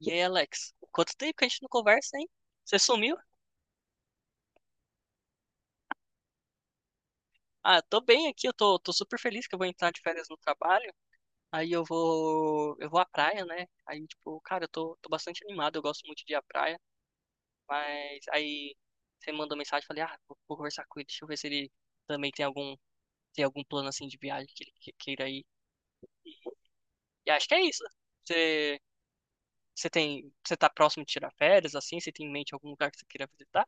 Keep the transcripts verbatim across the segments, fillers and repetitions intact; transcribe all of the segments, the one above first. E aí, Alex, quanto tempo que a gente não conversa, hein? Você sumiu? Ah, tô bem aqui, eu tô, tô super feliz que eu vou entrar de férias no trabalho. Aí eu vou, eu vou à praia, né? Aí, tipo, cara, eu tô, tô bastante animado, eu gosto muito de ir à praia. Mas aí você mandou mensagem, falei, ah, vou, vou conversar com ele, deixa eu ver se ele também tem algum, tem algum plano assim de viagem que ele que- queira ir. E acho que é isso. Você, você tem, você tá próximo de tirar férias, assim? Você tem em mente algum lugar que você queira visitar?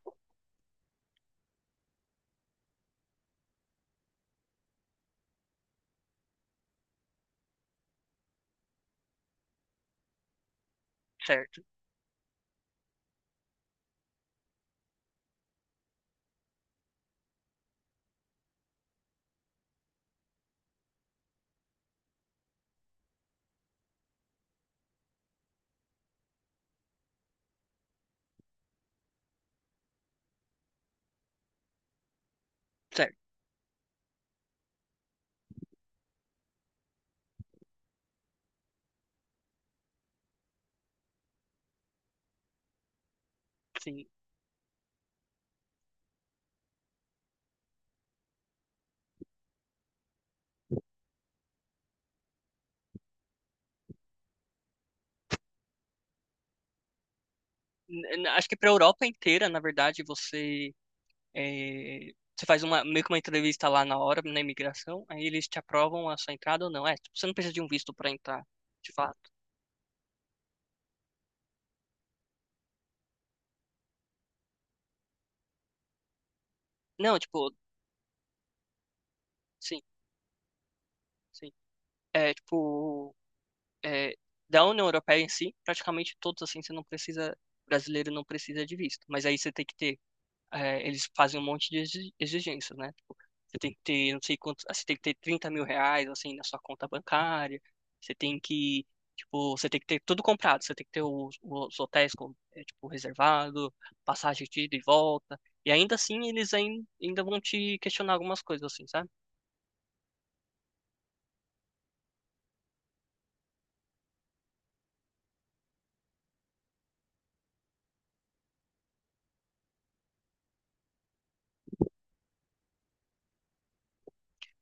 Certo, certo. Sim. N- n- Acho que para a Europa inteira, na verdade, você é, você faz uma meio que uma entrevista lá na hora, na imigração, aí eles te aprovam a sua entrada ou não. É, tipo, você não precisa de um visto para entrar, de fato. Não, tipo, sim, sim. É, tipo, é, da União Europeia em si, praticamente todos assim, você não precisa, brasileiro não precisa de visto, mas aí você tem que ter é, eles fazem um monte de exi- exigências, né? Tipo, você tem que ter, não sei quanto, ah, você tem que ter trinta mil reais, assim, na sua conta bancária, você tem que, tipo, você tem que ter tudo comprado, você tem que ter os, os hotéis, com- é, tipo, reservado, passagem de ida e volta, e ainda assim eles ain- ainda vão te questionar algumas coisas, assim, sabe?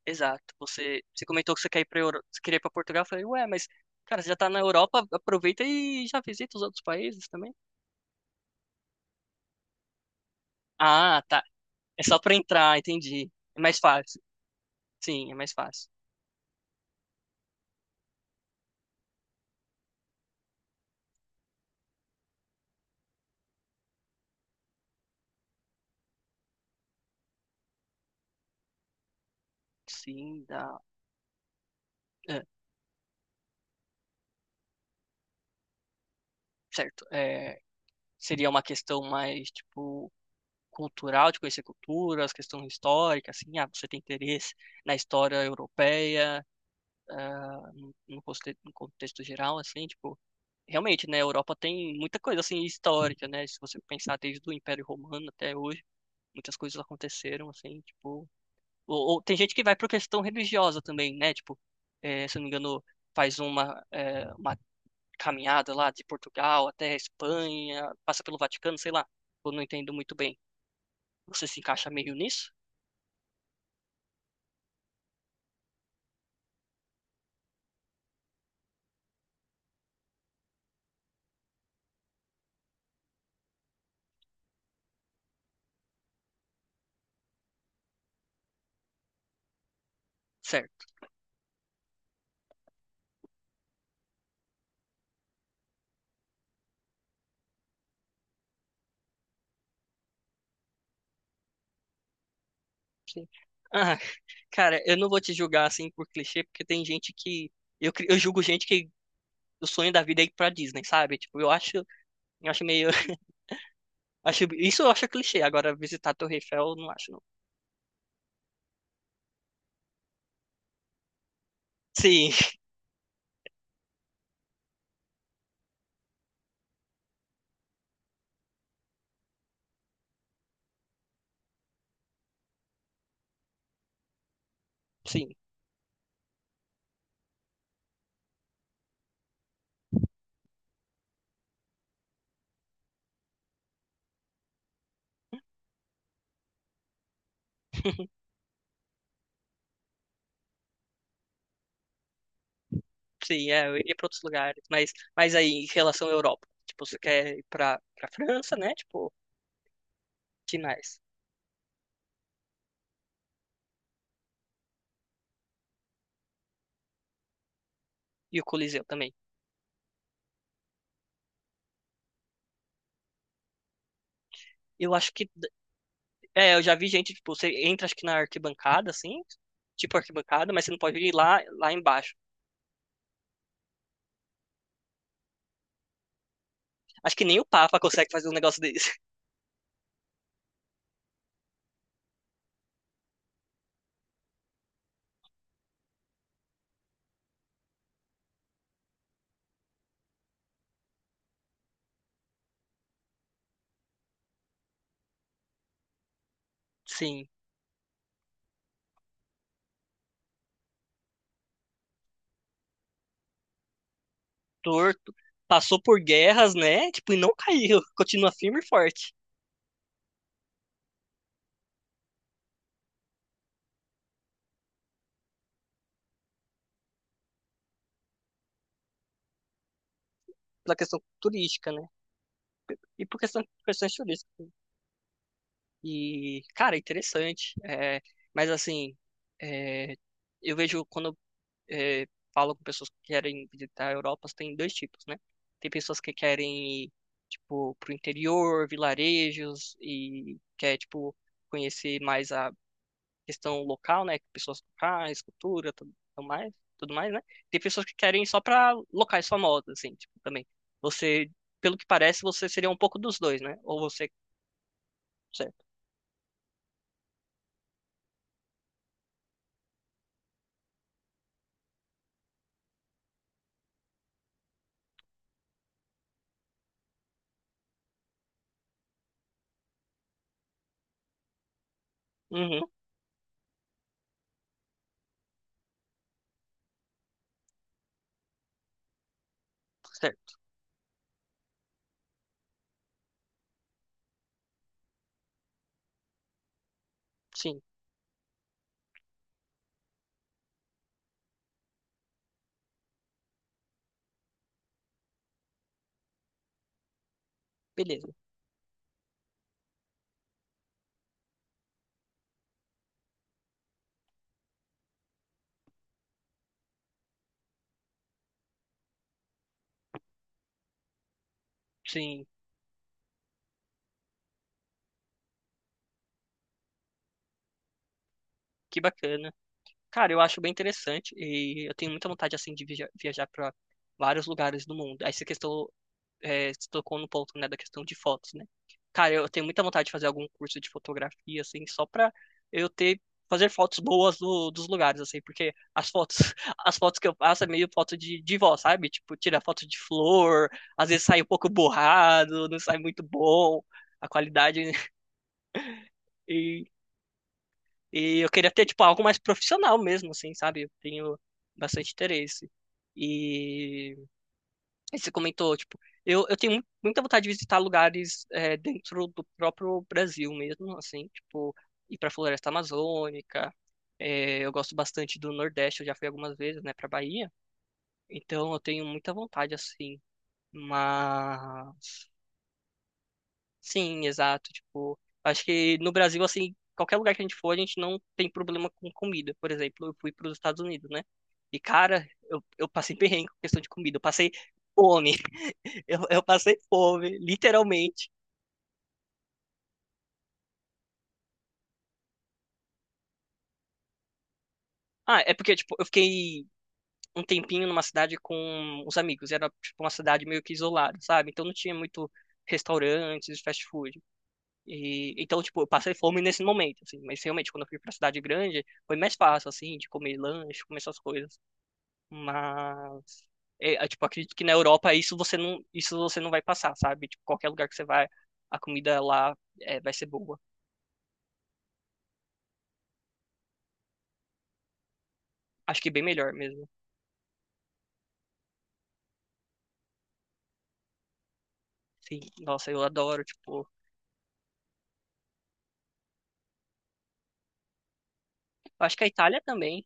Exato, você, você comentou que você quer ir pra, Euro- você queria ir pra Portugal, eu falei, ué, mas, cara, você já tá na Europa, aproveita e já visita os outros países também. Ah, tá, é só pra entrar, entendi, é mais fácil. Sim, é mais fácil. Sim, dá. É, certo. É, seria uma questão mais, tipo, cultural, de conhecer culturas, questão histórica, assim, ah, você tem interesse na história europeia, ah, no, no conte- no contexto geral, assim, tipo, realmente, né, a Europa tem muita coisa, assim, histórica, né, se você pensar desde o Império Romano até hoje, muitas coisas aconteceram, assim, tipo, ou, ou tem gente que vai por questão religiosa também, né, tipo, eh, se eu não me engano, faz uma, eh, uma caminhada lá de Portugal até a Espanha, passa pelo Vaticano, sei lá. Eu não entendo muito bem. Você se encaixa meio nisso? Certo. Ah, cara, eu não vou te julgar assim por clichê, porque tem gente que. Eu, cri- eu julgo gente que o sonho da vida é ir pra Disney, sabe? Tipo, eu acho, eu acho meio. Acho, isso eu acho clichê. Agora, visitar a Torre Eiffel, eu não acho, não. Sim, sim, sim, é, eu iria pra outros lugares. Mas, mas aí, em relação à Europa, tipo, você quer ir pra, pra França, né? Tipo, finais. E o Coliseu também. Eu acho que é, eu já vi gente, tipo, você entra acho que na arquibancada, assim, tipo arquibancada, mas você não pode ir lá, lá embaixo. Acho que nem o Papa consegue fazer um negócio desse. Sim, torto. Passou por guerras, né? Tipo, e não caiu. Continua firme e forte. Pela questão turística, né? E por questão, questões turísticas. E, cara, interessante. É, mas assim, é, eu vejo quando eh, falo com pessoas que querem visitar a Europa, tem dois tipos, né? Tem pessoas que querem ir, tipo, pro interior, vilarejos, e quer, tipo, conhecer mais a questão local, né? Pessoas locais, cultura, tudo tudo mais, tudo mais, né? Tem pessoas que querem ir só pra locais famosos, assim, tipo, também. Você, pelo que parece, você seria um pouco dos dois, né? Ou você, certo. Uhum, certo. Sim, beleza. Sim, que bacana. Cara, eu acho bem interessante e eu tenho muita vontade, assim, de viaja- viajar para vários lugares do mundo. Aí você questão, é, você tocou no ponto, né, da questão de fotos, né? Cara, eu tenho muita vontade de fazer algum curso de fotografia, assim, só pra eu ter, fazer fotos boas do- dos lugares, assim, porque as fotos, as fotos que eu faço é meio foto de, de vó, sabe? Tipo, tira foto de flor, às vezes sai um pouco borrado, não sai muito bom a qualidade. E eu queria ter, tipo, algo mais profissional mesmo, assim, sabe? Eu tenho bastante interesse. E e você comentou, tipo, eu, eu tenho mu- muita vontade de visitar lugares é, dentro do próprio Brasil mesmo, assim, tipo, ir pra Floresta Amazônica. É, eu gosto bastante do Nordeste, eu já fui algumas vezes, né, pra Bahia. Então eu tenho muita vontade, assim. Mas. Sim, exato. Tipo, acho que no Brasil, assim, qualquer lugar que a gente for, a gente não tem problema com comida. Por exemplo, eu fui para os Estados Unidos, né? E, cara, eu, eu passei perrengue com questão de comida. Eu passei fome. Eu, eu passei fome, literalmente. Ah, é porque, tipo, eu fiquei um tempinho numa cidade com os amigos. Era, tipo, uma cidade meio que isolada, sabe? Então não tinha muito restaurantes, fast food. E, então, tipo, eu passei fome nesse momento, assim. Mas realmente, quando eu fui pra cidade grande, foi mais fácil, assim, de comer lanche, comer essas coisas. Mas é, é, tipo, acredito que na Europa isso você não, isso você não vai passar, sabe? Tipo, qualquer lugar que você vai, a comida lá é, vai ser boa. Acho que bem melhor mesmo. Sim, nossa, eu adoro, tipo, acho que a Itália também.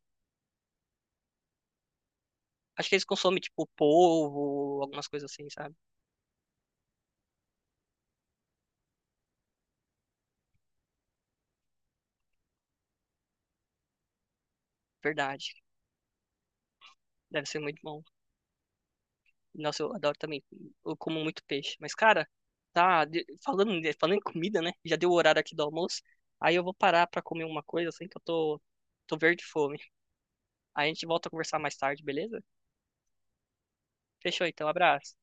Acho que eles consomem tipo polvo, algumas coisas assim, sabe? Verdade. Deve ser muito bom. Nossa, eu adoro também. Eu como muito peixe. Mas, cara, tá de- falando, falando em comida, né? Já deu o horário aqui do almoço. Aí eu vou parar pra comer uma coisa assim que eu tô, tô verde de fome. A gente volta a conversar mais tarde, beleza? Fechou então, abraço.